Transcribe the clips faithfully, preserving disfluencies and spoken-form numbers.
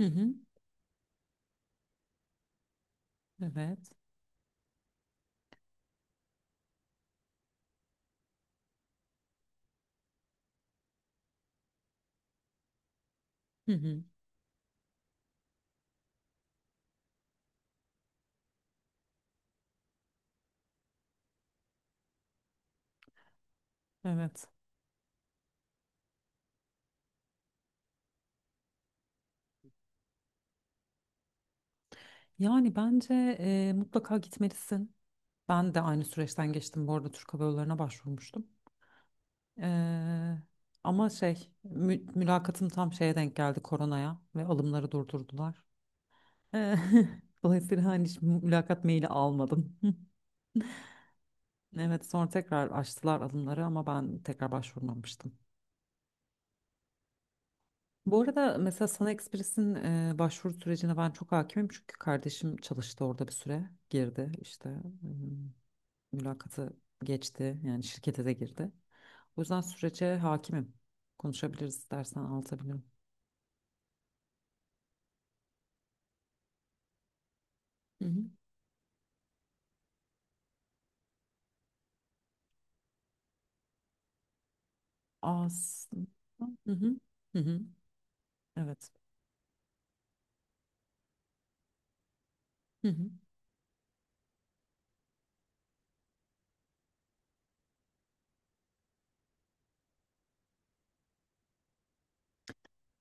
Hı hı, evet. Hı hı, evet. Yani bence e, mutlaka gitmelisin. Ben de aynı süreçten geçtim. Bu arada Türk Hava Yolları'na başvurmuştum. Eee, Ama şey, mü- mülakatım tam şeye denk geldi, koronaya, ve alımları durdurdular. Eee, Dolayısıyla hani hiç mülakat maili almadım. Evet, sonra tekrar açtılar alımları ama ben tekrar başvurmamıştım. Bu arada mesela Sana Express'in e, başvuru sürecine ben çok hakimim, çünkü kardeşim çalıştı orada bir süre, girdi işte, ım, mülakatı geçti, yani şirkete de girdi. O yüzden sürece hakimim. Konuşabiliriz, istersen anlatabilirim. Hı hı. Aslında hı hı. Hı hı. Evet. Hı hı.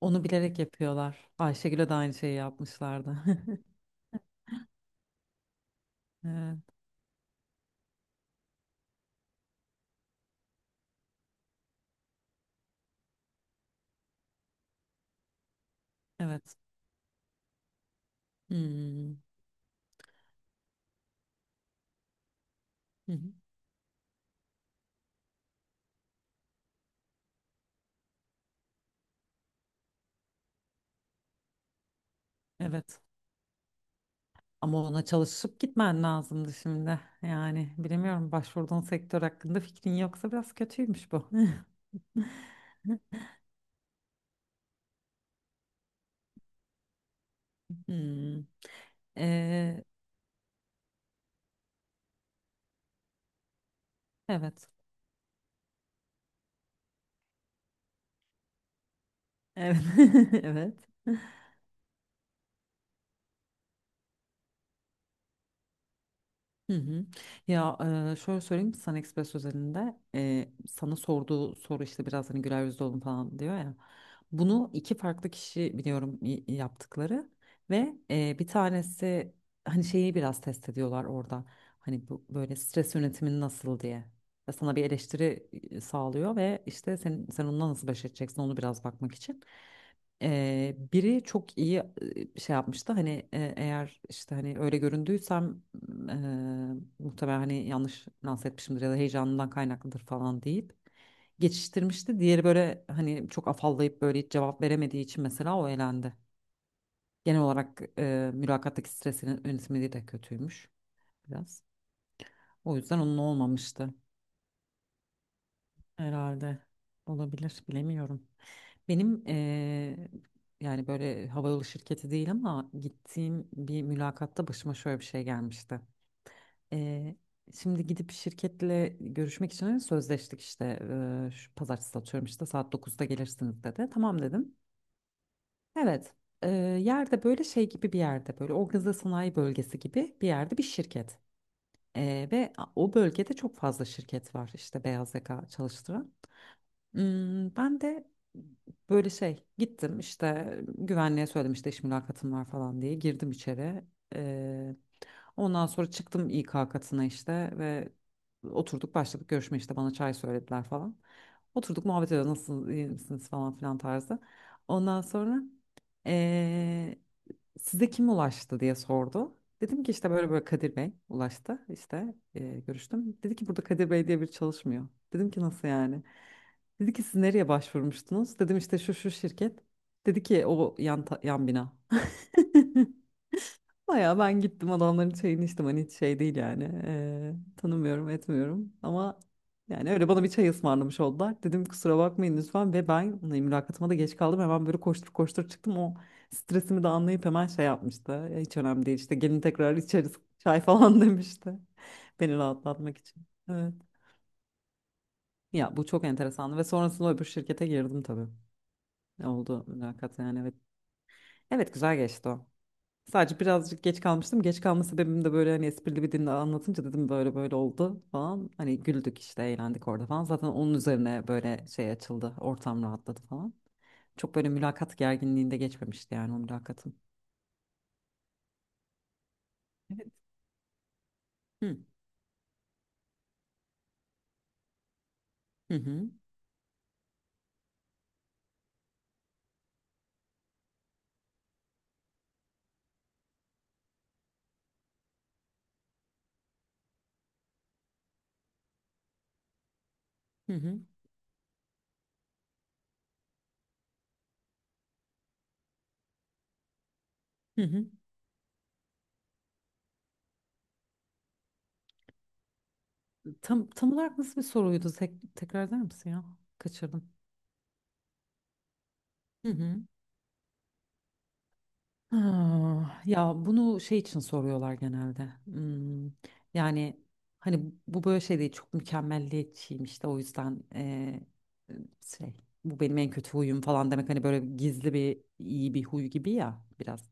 Onu bilerek yapıyorlar. Ayşegül'e de aynı şeyi yapmışlardı. Evet. Evet. Hmm. Hı hı. Evet. Ama ona çalışıp gitmen lazımdı şimdi. Yani bilemiyorum, başvurduğun sektör hakkında fikrin yoksa biraz kötüymüş bu. Hmm. Ee, evet. Evet. Evet. Hı hı. Ya e, şöyle söyleyeyim, Sun Express özelinde e, sana sorduğu soru işte biraz hani güler yüzlü olun falan diyor ya. Bunu iki farklı kişi biliyorum y- yaptıkları ve e, bir tanesi hani şeyi biraz test ediyorlar orada. Hani bu böyle stres yönetimin nasıl diye. Ve sana bir eleştiri e, sağlıyor ve işte sen, sen onunla nasıl baş edeceksin, onu biraz bakmak için. E, biri çok iyi şey yapmıştı. Hani e, eğer işte hani öyle göründüysem e, muhtemelen hani yanlış lanse etmişimdir ya da heyecanından kaynaklıdır falan deyip geçiştirmişti. Diğeri böyle hani çok afallayıp böyle hiç cevap veremediği için mesela o elendi. Genel olarak e, mülakattaki stresinin yönetimliği de kötüymüş biraz. O yüzden onun olmamıştı. Herhalde olabilir, bilemiyorum. Benim eee, yani böyle havayolu şirketi değil ama gittiğim bir mülakatta başıma şöyle bir şey gelmişti. Ee, Şimdi gidip şirketle görüşmek için hani sözleştik işte. Ee, şu pazartesi, atıyorum işte, saat dokuzda gelirsiniz dedi. Tamam dedim. Evet. Ee, Yerde böyle şey gibi bir yerde, böyle organize sanayi bölgesi gibi bir yerde bir şirket. Ee, ve a- o bölgede çok fazla şirket var işte, beyaz yaka çalıştıran. Hmm, ben de böyle şey gittim işte, güvenliğe söyledim işte iş mülakatım var falan diye, girdim içeri. Ondan sonra çıktım İK katına işte, ve oturduk, başladık görüşme işte, bana çay söylediler falan. Oturduk muhabbet ediyoruz, nasılsınız, iyi misiniz falan filan tarzı. Ondan sonra eee, size kim ulaştı diye sordu. Dedim ki işte böyle böyle Kadir Bey ulaştı işte eee, görüştüm. Dedi ki burada Kadir Bey diye biri çalışmıyor. Dedim ki nasıl yani? Dedi ki siz nereye başvurmuştunuz? Dedim işte şu şu şirket. Dedi ki o yan, ta- yan bina. Baya ben gittim adamların çayını içtim, hani hiç şey değil yani eee, tanımıyorum etmiyorum, ama yani öyle bana bir çay ısmarlamış oldular. Dedim kusura bakmayın lütfen, ve ben hani mülakatıma da geç kaldım, hemen böyle koştur koştur çıktım, o stresimi de anlayıp hemen şey yapmıştı. "Ya hiç önemli değil, işte gelin tekrar içeriz çay falan" demişti, beni rahatlatmak için. Evet, ya bu çok enteresandı ve sonrasında öbür şirkete girdim tabii, oldu mülakat yani, evet. Evet, güzel geçti o. Sadece birazcık geç kalmıştım. Geç kalma sebebim de böyle hani esprili bir dille anlatınca, dedim böyle böyle oldu falan. Hani güldük işte, eğlendik orada falan. Zaten onun üzerine böyle şey açıldı, ortam rahatladı falan. Çok böyle mülakat gerginliğinde geçmemişti yani o mülakatın. Evet. Hı hı hı hı hı. hı hı. Tam, tam olarak nasıl bir soruydu? Tek, tekrar eder misin ya? Kaçırdım. Hı hı. Ah, ya bunu şey için soruyorlar genelde. Hmm, yani hani bu böyle şey değil, çok mükemmelliyetçiyim işte o yüzden eee, şey, bu benim en kötü huyum falan demek, hani böyle gizli bir iyi bir huy gibi ya biraz.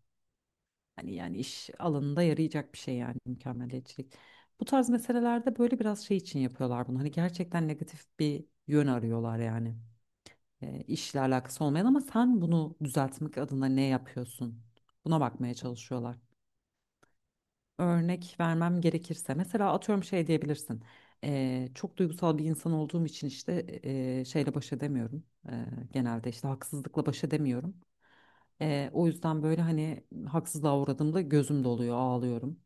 Hani yani iş alanında yarayacak bir şey yani, mükemmelliyetçilik. Bu tarz meselelerde böyle biraz şey için yapıyorlar bunu. Hani gerçekten negatif bir yön arıyorlar yani, e, işle alakası olmayan ama sen bunu düzeltmek adına ne yapıyorsun? Buna bakmaya çalışıyorlar. Örnek vermem gerekirse mesela atıyorum şey diyebilirsin. E, çok duygusal bir insan olduğum için işte e, şeyle baş edemiyorum. E, Genelde işte haksızlıkla baş edemiyorum. E, o yüzden böyle hani haksızlığa uğradığımda gözüm doluyor, ağlıyorum.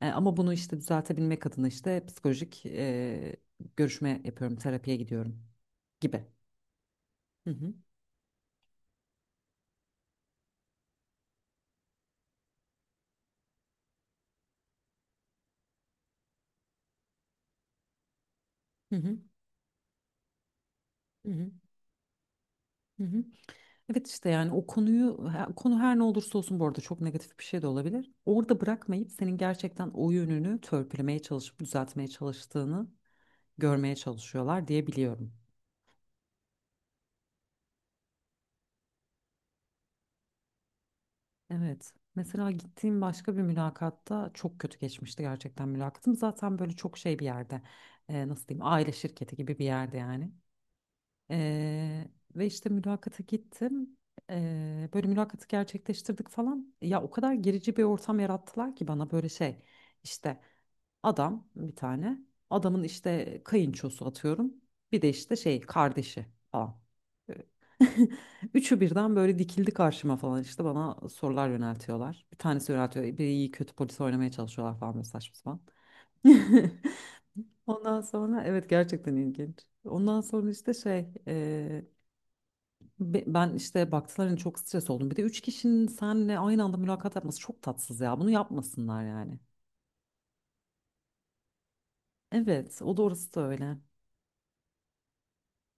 E, ama bunu işte düzeltebilmek adına işte psikolojik e, görüşme yapıyorum, terapiye gidiyorum gibi. Hı hı, hı hı, hı hı, hı hı. Evet işte yani o konuyu ha- konu her ne olursa olsun, bu arada çok negatif bir şey de olabilir. Orada bırakmayıp senin gerçekten o yönünü törpülemeye çalışıp düzeltmeye çalıştığını görmeye çalışıyorlar diye biliyorum. Evet. Mesela gittiğim başka bir mülakatta çok kötü geçmişti gerçekten mülakatım. Zaten böyle çok şey bir yerde, e, nasıl diyeyim, aile şirketi gibi bir yerde yani. E, Ve işte mülakata gittim. E, böyle mülakatı gerçekleştirdik falan. Ya o kadar gerici bir ortam yarattılar ki bana, böyle şey, işte adam bir tane. Adamın işte kayınçosu, atıyorum. Bir de işte şey kardeşi falan. Ee, Üçü birden böyle dikildi karşıma falan, işte bana sorular yöneltiyorlar. Bir tanesi yöneltiyor. "E, Biri iyi kötü polis oynamaya çalışıyorlar falan, böyle saçma sapan. Ondan sonra, evet, gerçekten ilginç. Ondan sonra işte şey, e, be- ben işte baktılar hani çok stres oldum. Bir de üç kişinin seninle aynı anda mülakat yapması çok tatsız ya. Bunu yapmasınlar yani. Evet o doğrusu da öyle.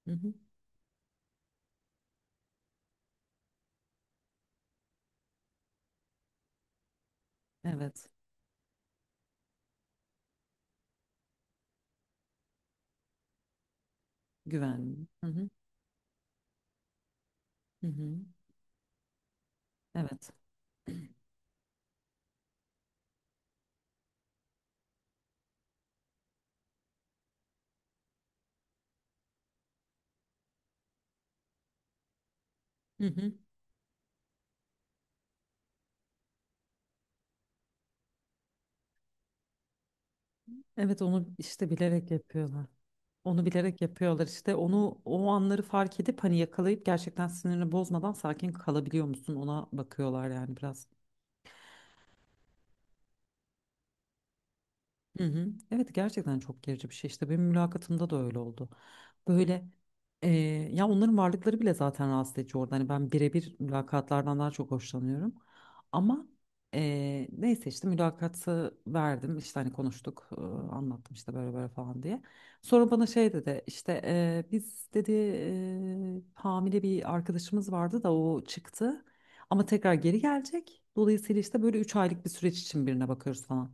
Hı hı. Evet. Güven. Hı hı. Hı hı. Evet. Hı hı. Evet onu işte bilerek yapıyorlar. Onu bilerek yapıyorlar işte, onu o anları fark edip hani yakalayıp, gerçekten sinirini bozmadan sakin kalabiliyor musun, ona bakıyorlar yani biraz. Hı hı. Evet gerçekten çok gerici bir şey, işte benim mülakatımda da öyle oldu. Böyle e, ya onların varlıkları bile zaten rahatsız edici orada. Hani ben birebir mülakatlardan daha çok hoşlanıyorum. Ama e, neyse işte mülakatı verdim işte, hani konuştuk, e, anlattım işte böyle böyle falan diye. Sonra bana şey dedi işte, e, biz dedi, e, hamile bir arkadaşımız vardı da o çıktı ama tekrar geri gelecek. Dolayısıyla işte böyle üç aylık bir süreç için birine bakıyoruz falan.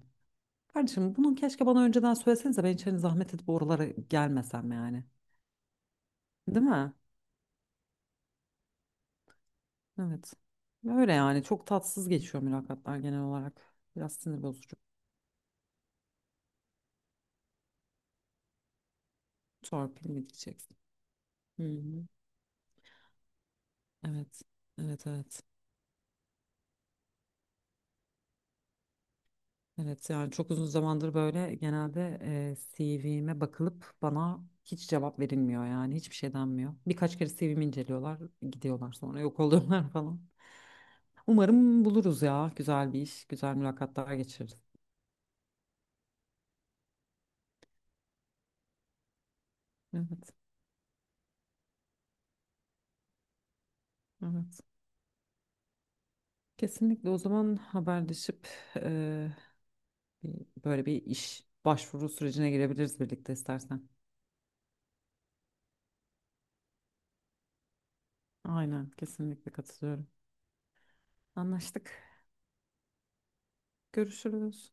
Kardeşim bunu keşke bana önceden söylesenize, ben hiç hani zahmet edip oralara gelmesem yani. Değil mi? Evet. Öyle yani, çok tatsız geçiyor mülakatlar genel olarak. Biraz sinir bozucu. Torpil mi diyeceksin? Hı hı. Evet. Evet, evet. Evet yani çok uzun zamandır böyle genelde e, C V'me bakılıp bana hiç cevap verilmiyor yani, hiçbir şey denmiyor. Birkaç kere C V'mi inceliyorlar, gidiyorlar, sonra yok oluyorlar falan. Umarım buluruz ya, güzel bir iş, güzel mülakatlar geçiririz. Evet. Evet. Kesinlikle, o zaman haberleşip eee, bir- böyle bir iş başvuru sürecine girebiliriz birlikte istersen. Aynen, kesinlikle katılıyorum. Anlaştık. Görüşürüz.